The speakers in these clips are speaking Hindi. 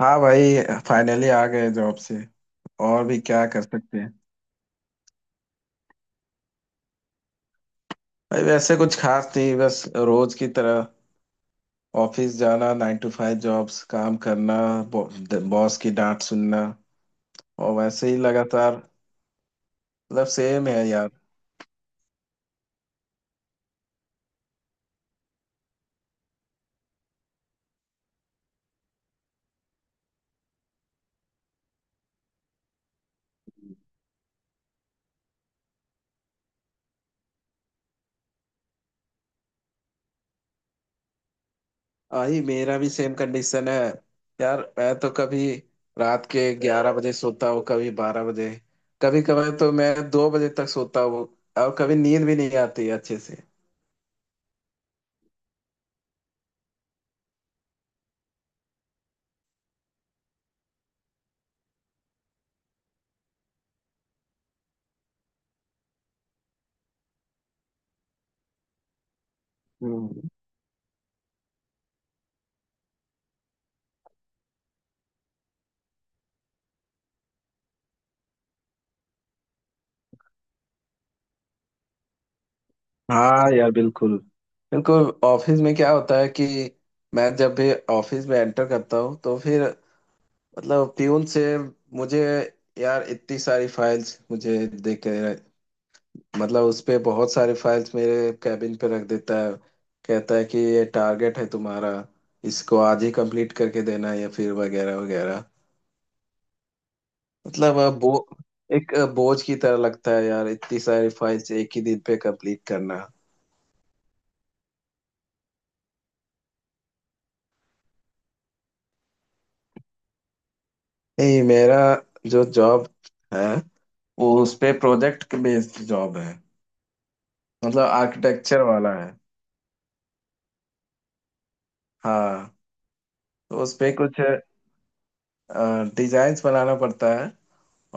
हाँ भाई। फाइनली आ गए जॉब से। और भी क्या कर सकते हैं। भाई वैसे कुछ खास नहीं, बस रोज की तरह ऑफिस जाना, नाइन टू फाइव जॉब्स, काम करना, बॉस की डांट सुनना, और वैसे ही लगातार। मतलब सेम है यार। आई मेरा भी सेम कंडीशन है यार। मैं तो कभी रात के ग्यारह बजे सोता हूँ, कभी बारह बजे, कभी कभार तो मैं दो बजे तक सोता हूँ, और कभी नींद भी नहीं आती अच्छे से। हाँ यार बिल्कुल। बिल्कुल। ऑफिस में क्या होता है कि मैं जब भी ऑफिस में एंटर करता हूँ तो फिर मतलब प्यून से मुझे यार इतनी सारी फाइल्स मुझे दे के, मतलब उस पे बहुत सारे फाइल्स मेरे कैबिन पे रख देता है। कहता है कि ये टारगेट है तुम्हारा, इसको आज ही कंप्लीट करके देना है या फिर वगैरह वगैरह। मतलब अ, बो एक बोझ की तरह लगता है यार, इतनी सारी फाइल्स एक ही दिन पे कंप्लीट करना। नहीं, मेरा जो जॉब है वो उस पे प्रोजेक्ट बेस्ड जॉब है। मतलब आर्किटेक्चर वाला है। हाँ। तो उस पे कुछ डिजाइन्स बनाना पड़ता है,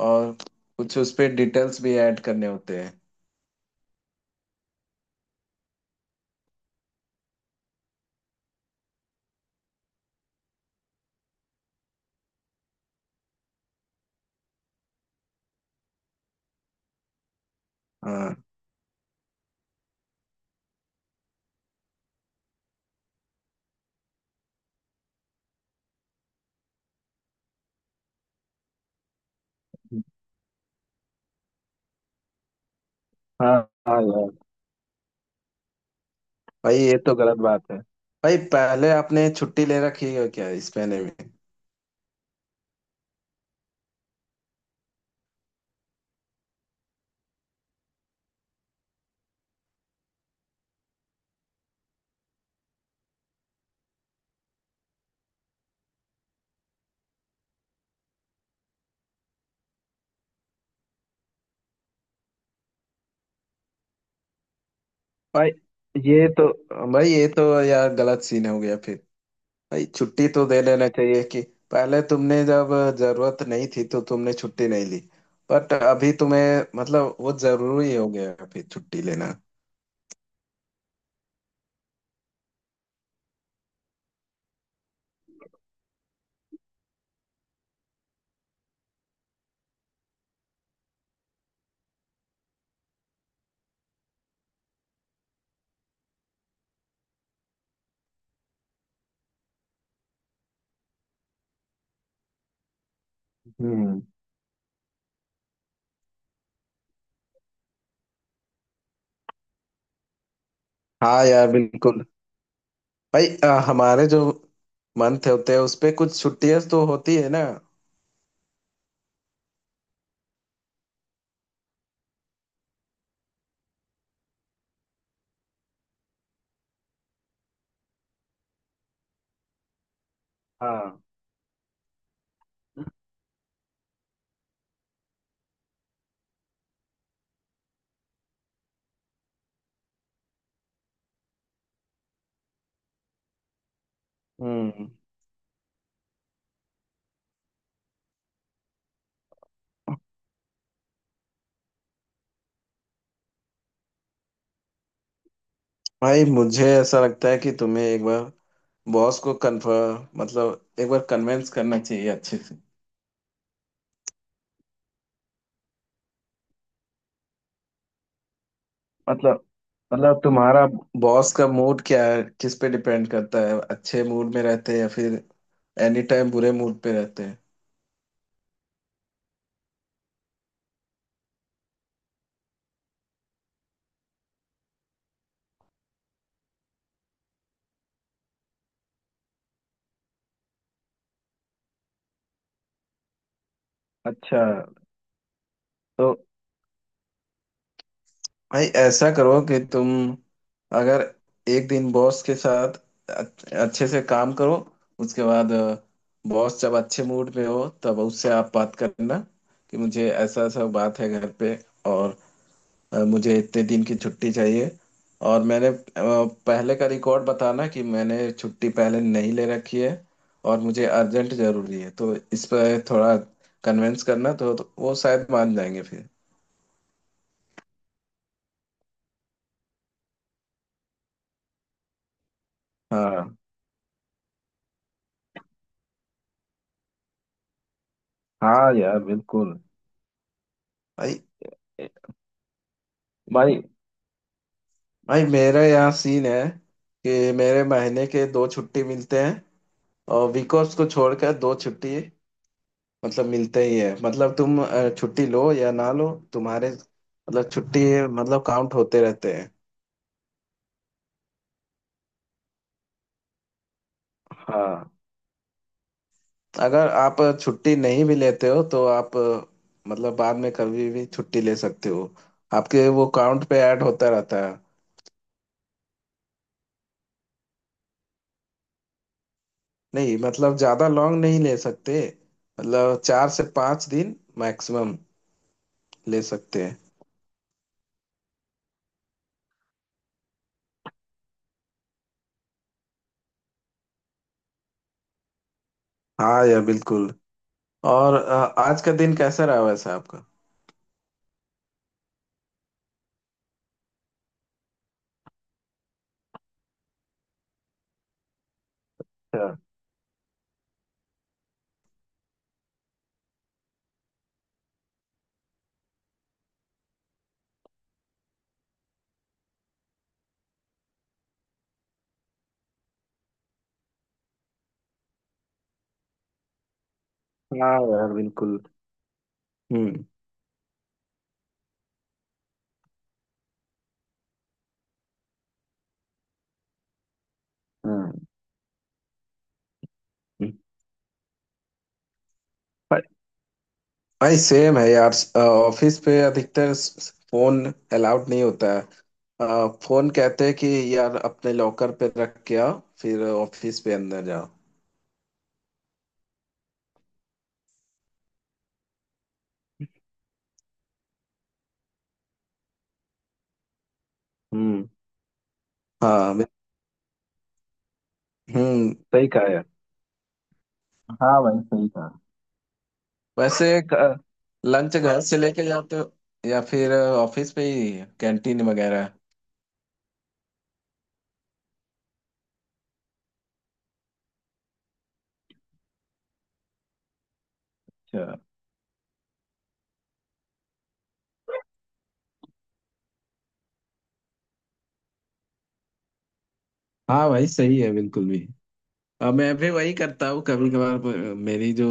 और कुछ उस पे डिटेल्स भी ऐड करने होते हैं। हाँ। हाँ। हाँ यार। भाई ये तो गलत बात है। भाई पहले आपने छुट्टी ले रखी है क्या इस महीने में? भाई ये तो भाई ये तो यार गलत सीन हो गया फिर। भाई छुट्टी तो दे लेना चाहिए। कि पहले तुमने जब जरूरत नहीं थी तो तुमने छुट्टी नहीं ली, बट अभी तुम्हें मतलब वो जरूरी हो गया है अभी छुट्टी लेना। हम्म। हाँ यार बिल्कुल। भाई हमारे जो मंथ होते हैं उस पे कुछ छुट्टियां तो होती है ना। हाँ। हम्म। भाई मुझे ऐसा लगता है कि तुम्हें एक बार बॉस को कन्फर्म मतलब एक बार कन्विंस करना चाहिए अच्छे से। मतलब मतलब तुम्हारा बॉस का मूड क्या है, किस पे डिपेंड करता है? अच्छे मूड में रहते हैं या फिर एनी टाइम बुरे मूड पे रहते हैं? अच्छा। तो भाई ऐसा करो कि तुम अगर एक दिन बॉस के साथ अच्छे से काम करो। उसके बाद बॉस जब अच्छे मूड में हो तब उससे आप बात करना कि मुझे ऐसा ऐसा बात है घर पे, और मुझे इतने दिन की छुट्टी चाहिए। और मैंने पहले का रिकॉर्ड बताना कि मैंने छुट्टी पहले नहीं ले रखी है, और मुझे अर्जेंट जरूरी है। तो इस पर थोड़ा कन्विंस करना तो वो शायद मान जाएंगे फिर। हाँ। हाँ यार बिल्कुल। भाई ए- भाई भाई मेरे यहाँ सीन है कि मेरे महीने के दो छुट्टी मिलते हैं, और वीक ऑफ्स को छोड़कर दो छुट्टी मतलब मिलते ही है। मतलब तुम छुट्टी लो या ना लो तुम्हारे मतलब छुट्टी मतलब काउंट होते रहते हैं। हाँ। अगर आप छुट्टी नहीं भी लेते हो तो आप मतलब बाद में कभी भी छुट्टी ले सकते हो। आपके वो काउंट पे ऐड होता रहता है। नहीं, मतलब ज्यादा लॉन्ग नहीं ले सकते। मतलब चार से पाँच दिन मैक्सिमम ले सकते हैं। हाँ यार बिल्कुल। और आज का दिन कैसा रहा वैसे आपका? अच्छा। हाँ यार बिल्कुल। हम्म। हाँ। हम्म। भाई सेम है यार। ऑफिस पे अधिकतर फोन अलाउड नहीं होता है। फोन कहते हैं कि यार अपने लॉकर पे रख के आओ फिर ऑफिस पे अंदर जाओ। हम्म। हाँ मैं- हम्म, सही कहा यार। हाँ भाई सही कहा। वैसे लंच घर से लेके जाते हो या फिर ऑफिस पे ही कैंटीन वगैरह? अच्छा। हाँ भाई सही है बिल्कुल भी। मैं भी वही करता हूँ कभी कभार। मेरी जो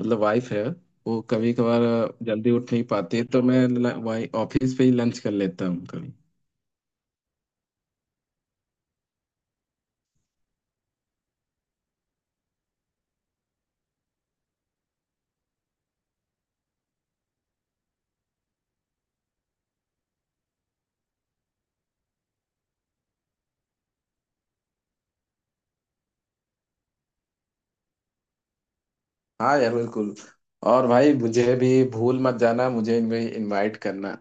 मतलब वाइफ है वो कभी कभार जल्दी उठ नहीं पाती है, तो मैं ल- वाई ऑफिस पे ही लंच कर लेता हूँ कभी। हाँ यार बिल्कुल। और भाई मुझे भी भूल मत जाना, मुझे भी इनवाइट करना।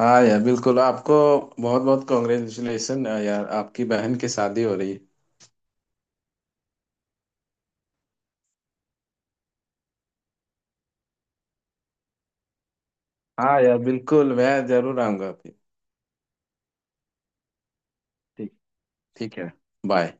हाँ यार बिल्कुल। आपको बहुत बहुत कॉन्ग्रेचुलेसन यार, आपकी बहन की शादी हो रही है। हाँ यार बिल्कुल, मैं जरूर आऊंगा आपके। ठीक ठीक है। बाय।